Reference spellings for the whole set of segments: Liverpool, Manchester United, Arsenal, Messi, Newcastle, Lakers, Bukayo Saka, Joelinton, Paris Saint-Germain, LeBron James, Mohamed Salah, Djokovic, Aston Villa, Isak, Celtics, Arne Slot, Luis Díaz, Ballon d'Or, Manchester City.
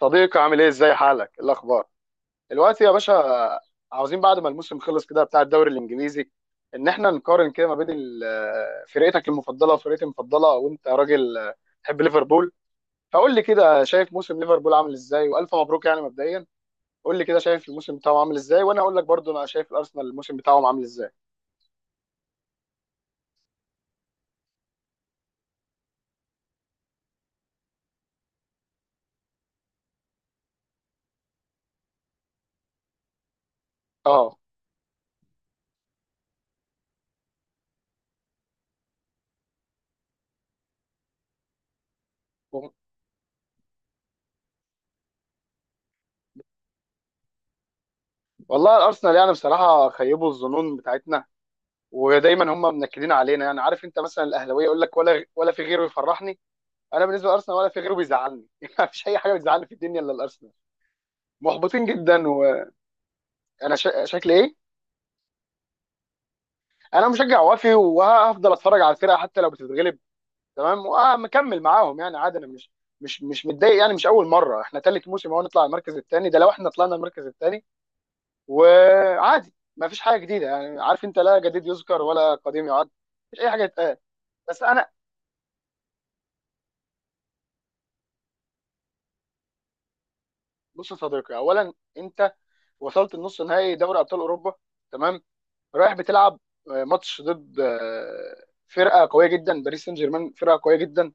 صديقي عامل ايه؟ ازاي حالك؟ إيه الاخبار دلوقتي يا باشا؟ عاوزين بعد ما الموسم خلص كده بتاع الدوري الانجليزي ان احنا نقارن كده ما بين فرقتك المفضله وفرقتي المفضله، وانت راجل تحب ليفربول، فقول لي كده شايف موسم ليفربول عامل ازاي، والف مبروك يعني مبدئيا. قول لي كده شايف الموسم بتاعه عامل ازاي وانا اقول لك برضو انا شايف الارسنال الموسم بتاعهم عامل ازاي. اه، والله الارسنال يعني بصراحه خيبوا الظنون بتاعتنا، ودايما هم منكدين علينا، يعني عارف انت مثلا الاهلاويه يقول لك ولا ولا في غيره يفرحني، انا بالنسبه لارسنال ولا في غيره بيزعلني. مفيش اي حاجه بتزعلني في الدنيا الا الارسنال، محبطين جدا، وانا شكلي ايه؟ انا مشجع وافي وهفضل اتفرج على الفرقه حتى لو بتتغلب، تمام، ومكمل معاهم يعني عادي، انا مش متضايق، يعني مش اول مره، احنا ثالث موسم اهو نطلع المركز الثاني، ده لو احنا طلعنا المركز الثاني وعادي. مفيش حاجه جديده، يعني عارف انت لا جديد يذكر ولا قديم يعد، مش اي حاجه تتقال. بس انا بص يا صديقي، اولا، انت وصلت النص نهائي دوري ابطال اوروبا، تمام، رايح بتلعب ماتش ضد فرقه قويه جدا، باريس سان جيرمان فرقه قويه جدا،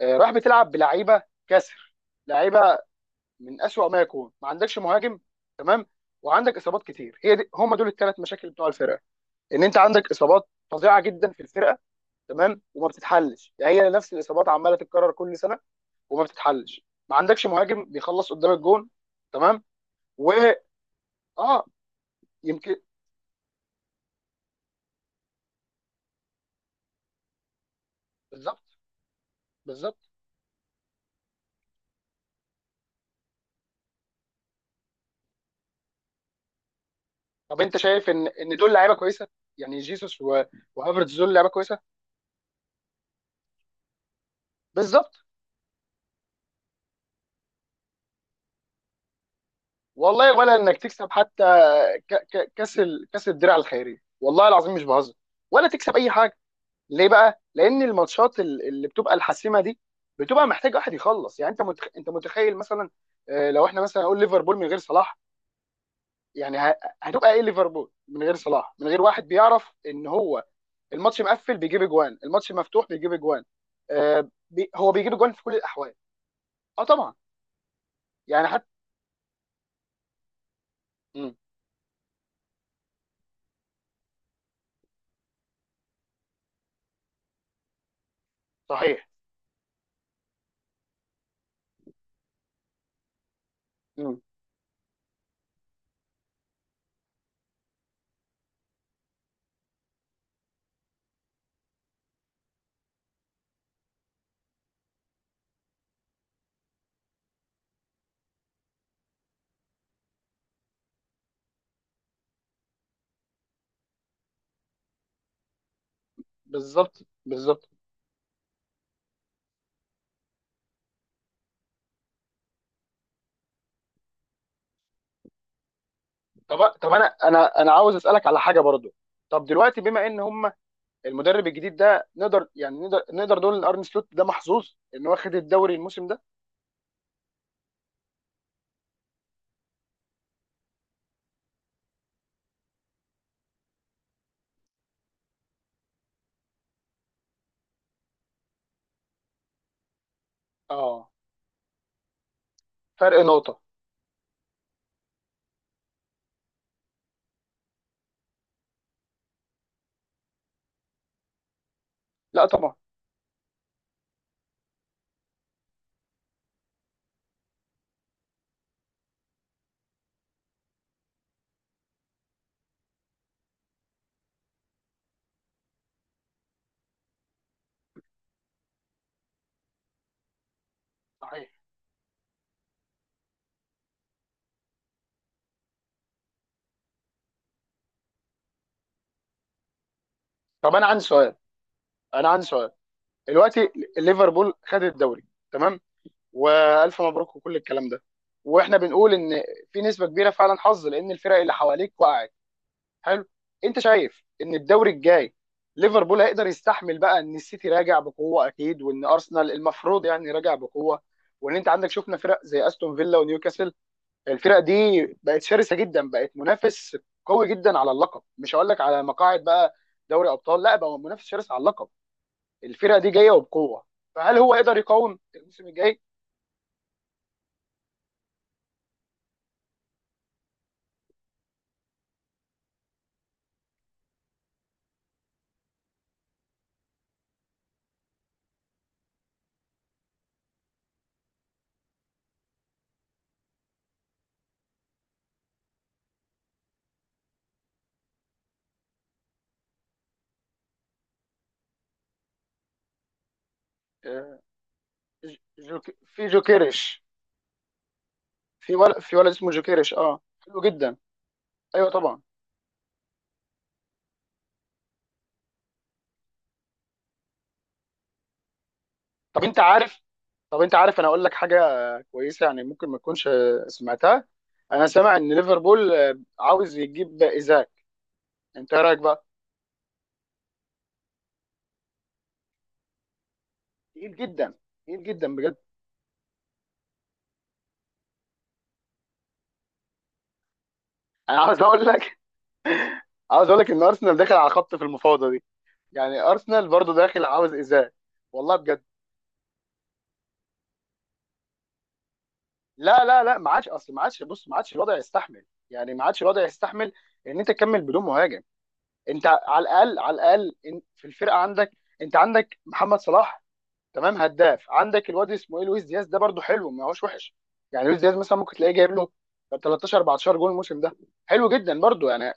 رايح بتلعب بلعيبه كسر، لعيبه من اسوأ ما يكون، ما عندكش مهاجم، تمام، وعندك اصابات كتير، هي دي هم دول الثلاث مشاكل بتوع الفرقه، ان انت عندك اصابات فظيعه جدا في الفرقه، تمام، وما بتتحلش، يعني هي نفس الاصابات عماله تتكرر كل سنه وما بتتحلش، ما عندكش مهاجم بيخلص قدام الجون، تمام. و اه يمكن. بالظبط، بالظبط. طب انت شايف ان دول لعيبه كويسه؟ يعني جيسوس وهافرتز، دول لعيبه كويسه؟ بالظبط. والله ولا انك تكسب حتى كاس الدرع الخيريه، والله العظيم مش بهزر، ولا تكسب اي حاجه. ليه بقى؟ لان الماتشات اللي بتبقى الحاسمه دي بتبقى محتاج واحد يخلص، يعني انت متخيل مثلا لو احنا مثلا نقول ليفربول من غير صلاح، يعني هتبقى ايه ليفربول من غير صلاح، من غير واحد بيعرف ان هو الماتش مقفل بيجيب اجوان، الماتش مفتوح بيجيب اجوان، هو بيجيب اجوان في كل الاحوال. اه طبعا. يعني حتى مم. صحيح. مم. بالظبط، بالظبط. طب انا عاوز اسالك على حاجه برضو، طب دلوقتي بما ان هم المدرب الجديد ده، نقدر يعني نقدر نقول ان ارن سلوت ده محظوظ ان هو خد الدوري الموسم ده؟ اه، فرق نقطه. لا طبعا. صحيح. طب انا عندي سؤال، انا عندي سؤال، دلوقتي ليفربول خد الدوري، تمام، والف مبروك وكل الكلام ده، واحنا بنقول ان في نسبه كبيره فعلا حظ لان الفرق اللي حواليك وقعت، حلو، انت شايف ان الدوري الجاي ليفربول هيقدر يستحمل بقى ان السيتي راجع بقوه اكيد، وان ارسنال المفروض يعني راجع بقوه، وان انت عندك شفنا فرق زي استون فيلا ونيوكاسل؟ الفرق دي بقت شرسه جدا، بقت منافس قوي جدا على اللقب، مش هقول لك على مقاعد بقى دوري ابطال، لا، بقى منافس شرس على اللقب، الفرق دي جايه وبقوه، فهل هو يقدر يقاوم الموسم الجاي؟ آه، في جوكيريش، في ولد، في ولد اسمه جوكيريش، اه، حلو جدا. ايوه طبعا. طب انت عارف طب انت عارف، انا اقول لك حاجه كويسه يعني، ممكن ما تكونش سمعتها، انا سامع ان ليفربول عاوز يجيب ايزاك، انت ايه رايك بقى؟ تقيل جدا، تقيل جدا بجد. انا عاوز اقول لك، ان ارسنال داخل على خط في المفاوضه دي، يعني ارسنال برضو داخل عاوز ايزاك، والله بجد. لا، لا، لا، ما عادش، اصل ما عادش، بص ما عادش الوضع يستحمل، يعني ما عادش الوضع يستحمل ان انت تكمل بدون مهاجم، انت على الاقل، على الاقل في الفرقه عندك، انت عندك محمد صلاح، تمام، هداف، عندك الواد اسمه ايه، لويس دياز، ده برده حلو ما هوش وحش، يعني لويس دياز مثلا ممكن تلاقيه جايب له 13 14 جول الموسم ده، حلو جدا برده يعني،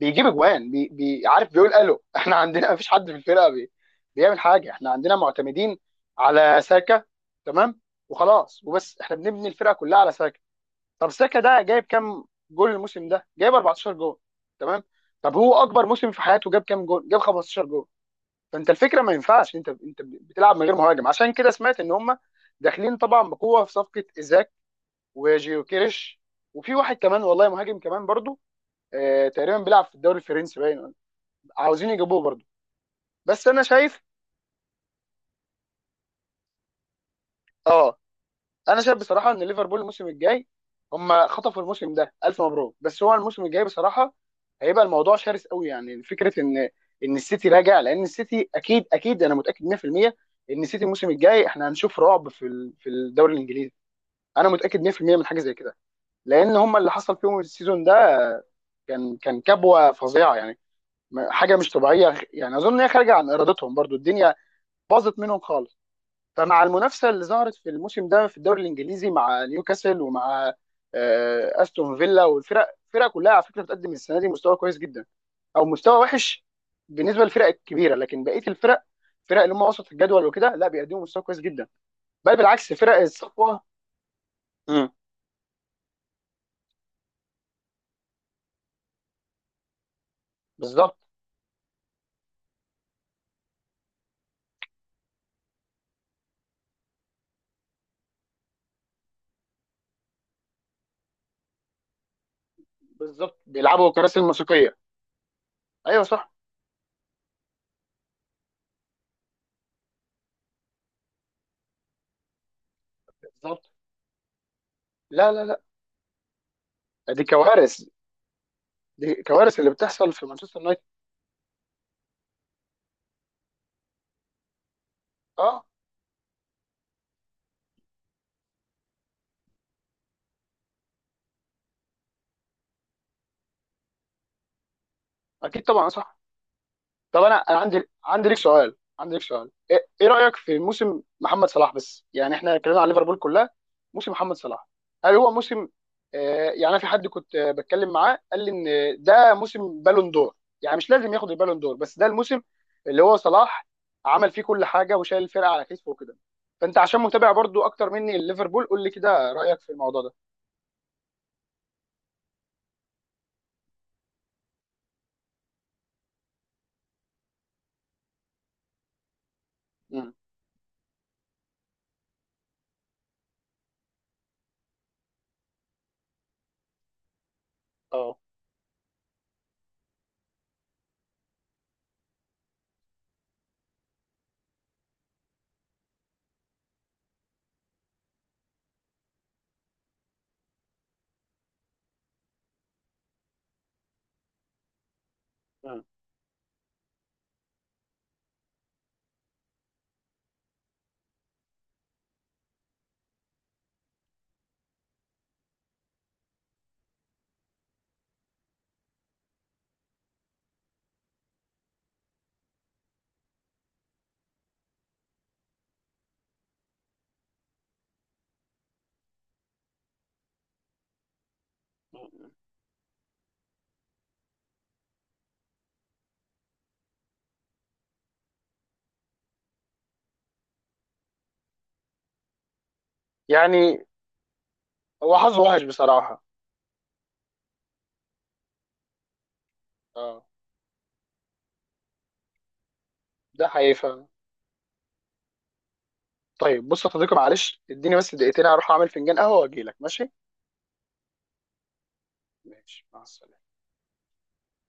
بيجيب اجوان. بي بي عارف بيقول الو؟ احنا عندنا مفيش حد في الفرقه بيعمل حاجه، احنا عندنا معتمدين على ساكا، تمام، وخلاص، وبس، احنا بنبني الفرقه كلها على ساكا. طب ساكا ده جايب كام جول الموسم ده؟ جايب 14 جول. تمام. طب هو اكبر موسم في حياته جاب كام جول؟ جاب 15 جول. فانت الفكره ما ينفعش انت بتلعب من غير مهاجم، عشان كده سمعت ان هم داخلين طبعا بقوه في صفقه ايزاك وجيوكيريش، وفي واحد كمان والله، مهاجم كمان برضو، آه تقريبا بيلعب في الدوري الفرنسي باين، عاوزين يجيبوه برضو، بس اه انا شايف بصراحه ان ليفربول الموسم الجاي، هم خطفوا الموسم ده الف مبروك، بس هو الموسم الجاي بصراحه هيبقى الموضوع شرس قوي، يعني فكره ان السيتي راجع، لان السيتي اكيد اكيد، انا متاكد 100% ان السيتي الموسم الجاي احنا هنشوف رعب في الدوري الانجليزي، انا متاكد 100% من حاجه زي كده، لان هم اللي حصل فيهم السيزون ده، كان كبوه فظيعه، يعني حاجه مش طبيعيه، يعني اظن ان هي خارجه عن ارادتهم برضو، الدنيا باظت منهم خالص، فمع المنافسه اللي ظهرت في الموسم ده في الدوري الانجليزي مع نيوكاسل، ومع استون فيلا، والفرق كلها على فكره بتقدم السنه دي مستوى كويس جدا، او مستوى وحش بالنسبه للفرق الكبيره، لكن بقيه الفرق، الفرق اللي هم وسط الجدول وكده، لا بيقدموا مستوى كويس جدا، بل بالعكس فرق الصفوه. مم. بالظبط، بالظبط، بيلعبوا كراسي الموسيقيه. ايوه صح. بالظبط. لا، لا، لا، دي كوارث، دي كوارث اللي بتحصل في مانشستر يونايتد. اه. اكيد طبعا، صح. طب انا عندي عندي ليك سؤال، إيه رايك في موسم محمد صلاح؟ بس يعني احنا اتكلمنا على ليفربول كلها، موسم محمد صلاح هل هو موسم يعني، أنا في حد كنت بتكلم معاه قال لي ان ده موسم بالون دور، يعني مش لازم ياخد البالون دور بس ده الموسم اللي هو صلاح عمل فيه كل حاجه وشايل الفرقه على كتفه وكده، فانت عشان متابع برضو اكتر مني ليفربول قول لي كده رايك في الموضوع ده. امم اه. مم. مم. يعني هو حظه وحش بصراحه. اه، ده حقيقي. طيب بص يا صديقي، معلش اديني بس دقيقتين هروح اعمل فنجان قهوه واجي لك، ماشي؟ ماشي، مع السلامه.